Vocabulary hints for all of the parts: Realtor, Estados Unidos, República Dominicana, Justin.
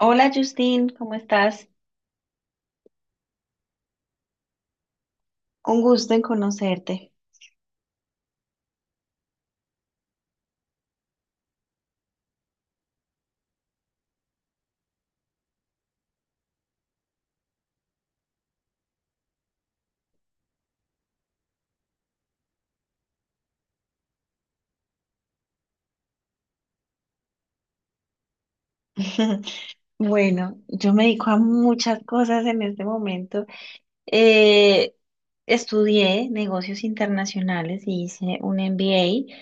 Hola Justin, ¿cómo estás? Un gusto en conocerte. Bueno, yo me dedico a muchas cosas en este momento. Eh, Estudié negocios internacionales y hice un MBA,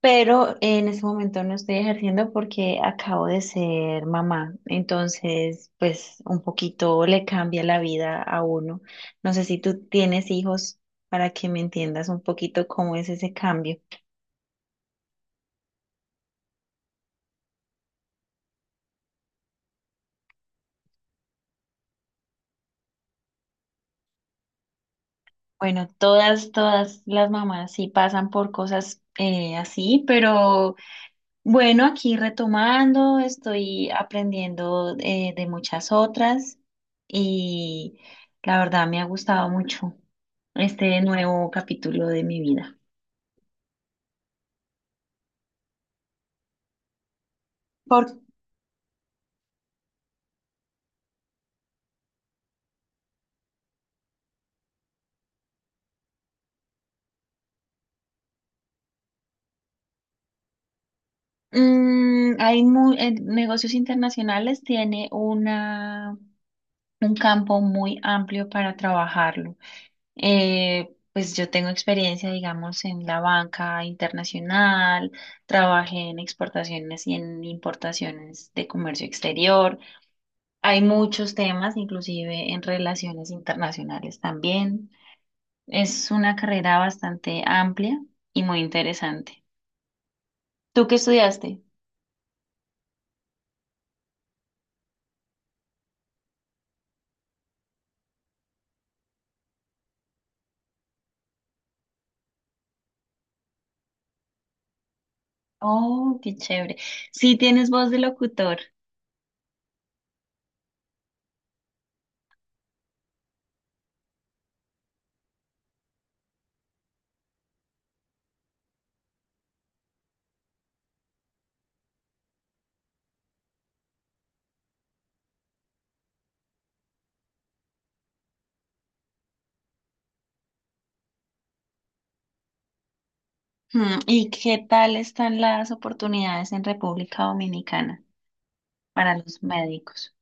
pero en este momento no estoy ejerciendo porque acabo de ser mamá, entonces pues un poquito le cambia la vida a uno. No sé si tú tienes hijos para que me entiendas un poquito cómo es ese cambio. Bueno, todas las mamás sí pasan por cosas así, pero bueno, aquí retomando, estoy aprendiendo de muchas otras, y la verdad me ha gustado mucho este nuevo capítulo de mi vida. Por, mm, hay mu- Negocios internacionales tiene un campo muy amplio para trabajarlo. Pues yo tengo experiencia, digamos, en la banca internacional, trabajé en exportaciones y en importaciones de comercio exterior. Hay muchos temas, inclusive en relaciones internacionales también. Es una carrera bastante amplia y muy interesante. ¿Tú qué estudiaste? Oh, qué chévere. Sí tienes voz de locutor. Hmm, ¿y qué tal están las oportunidades en República Dominicana para los médicos?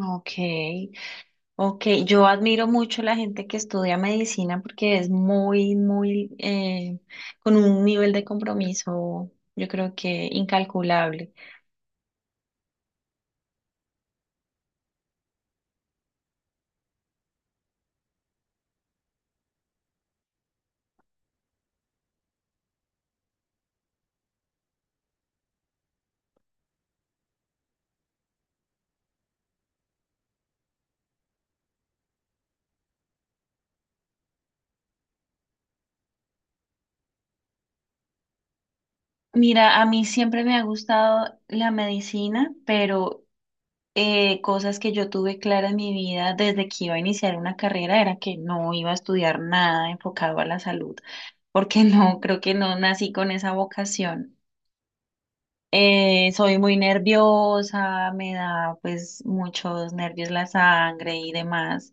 Ok, ok. Yo admiro mucho la gente que estudia medicina porque es con un nivel de compromiso, yo creo que incalculable. Mira, a mí siempre me ha gustado la medicina, pero cosas que yo tuve clara en mi vida desde que iba a iniciar una carrera era que no iba a estudiar nada enfocado a la salud, porque no, creo que no nací con esa vocación. Soy muy nerviosa, me da pues muchos nervios la sangre y demás,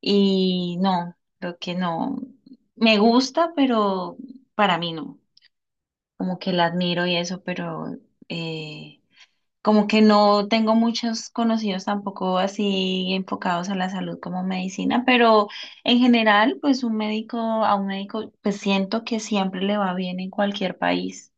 y no, creo que no. Me gusta, pero para mí no, como que la admiro y eso, eh, como que no tengo muchos conocidos tampoco así enfocados a la salud como medicina, pero en general, pues un médico, a un médico, pues siento que siempre le va bien en cualquier país.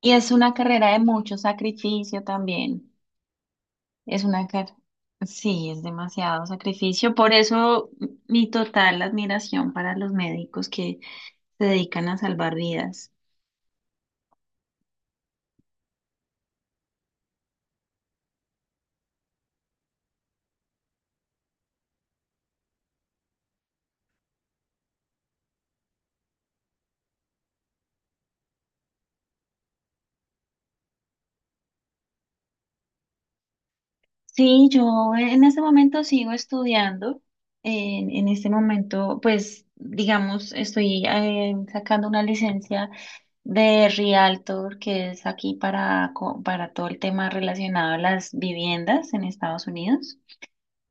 Y es una carrera de mucho sacrificio también. Es una carrera, sí, es demasiado sacrificio. Por eso mi total admiración para los médicos que se dedican a salvar vidas. Sí, yo en este momento sigo estudiando. En este momento, pues, digamos, estoy sacando una licencia de Realtor, que es aquí para, para todo el tema relacionado a las viviendas en Estados Unidos.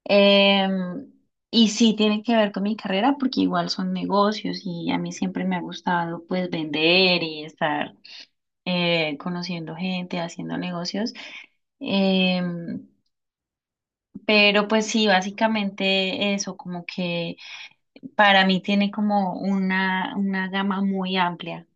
Em, y sí tiene que ver con mi carrera, porque igual son negocios y a mí siempre me ha gustado, pues, vender y estar conociendo gente, haciendo negocios. Em, pero pues sí, básicamente eso, como que para mí tiene como una gama muy amplia.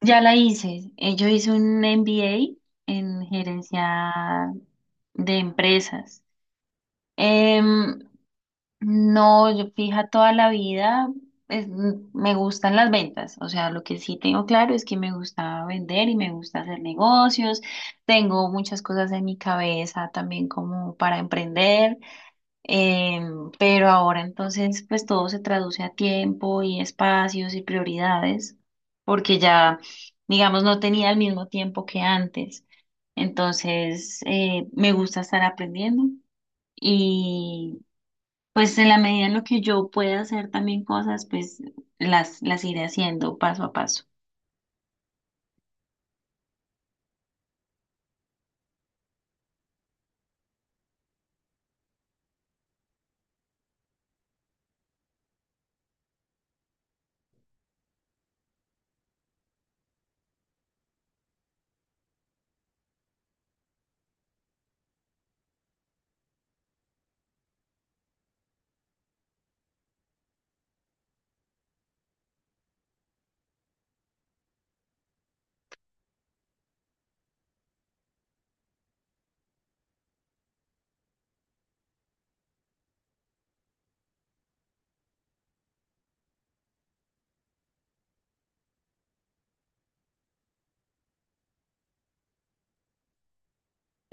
Ya la hice, yo hice un MBA en gerencia de empresas. Em, no, yo fija toda la vida, me gustan las ventas, o sea, lo que sí tengo claro es que me gusta vender y me gusta hacer negocios, tengo muchas cosas en mi cabeza también como para emprender. Pero ahora entonces pues todo se traduce a tiempo y espacios y prioridades, porque ya, digamos, no tenía el mismo tiempo que antes. Entonces, me gusta estar aprendiendo, y pues en la medida en lo que yo pueda hacer también cosas, pues las iré haciendo paso a paso.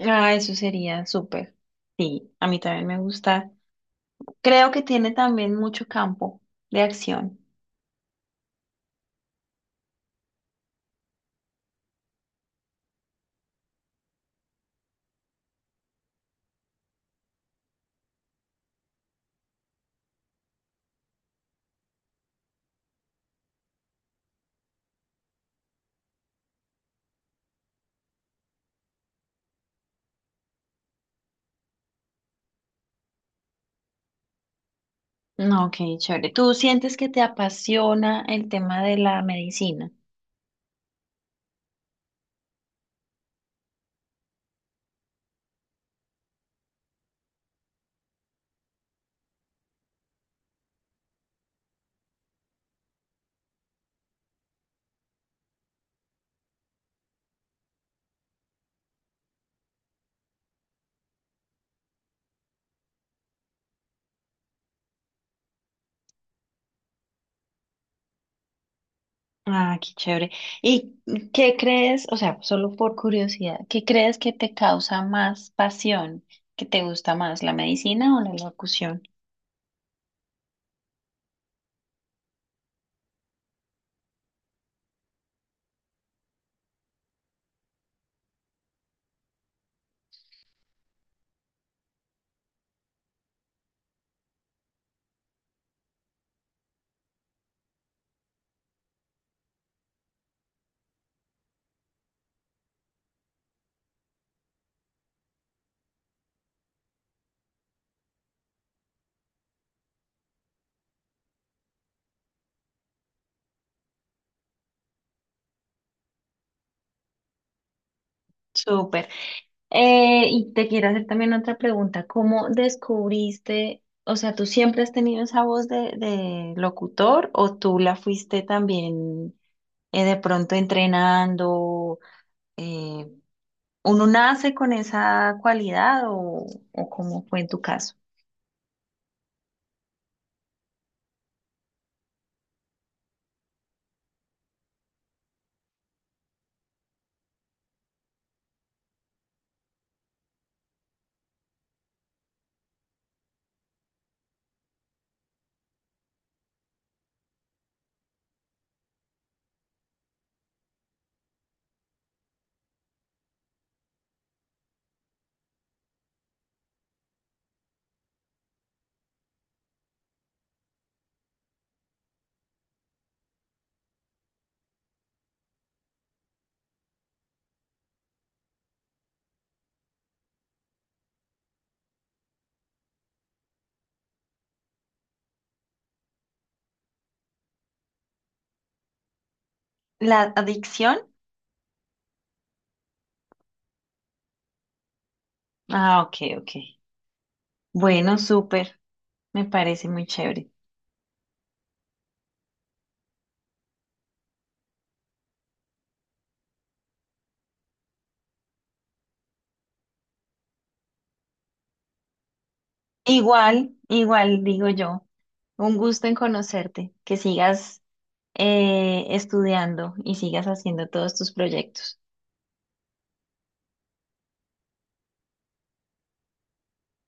Ah, eso sería súper. Sí, a mí también me gusta. Creo que tiene también mucho campo de acción. No, ok, chévere. ¿Tú sientes que te apasiona el tema de la medicina? Ah, qué chévere. ¿Y qué crees, o sea, solo por curiosidad, qué crees que te causa más pasión, que te gusta más, la medicina o la locución? Súper. Y te quiero hacer también otra pregunta. ¿Cómo descubriste, o sea, tú siempre has tenido esa voz de locutor o tú la fuiste también de pronto entrenando? Eh, ¿Uno nace con esa cualidad o cómo fue en tu caso? ¿La adicción? Ah, ok, ok. Bueno, súper. Me parece muy chévere. Igual, igual digo yo. Un gusto en conocerte, que sigas estudiando y sigas haciendo todos tus proyectos.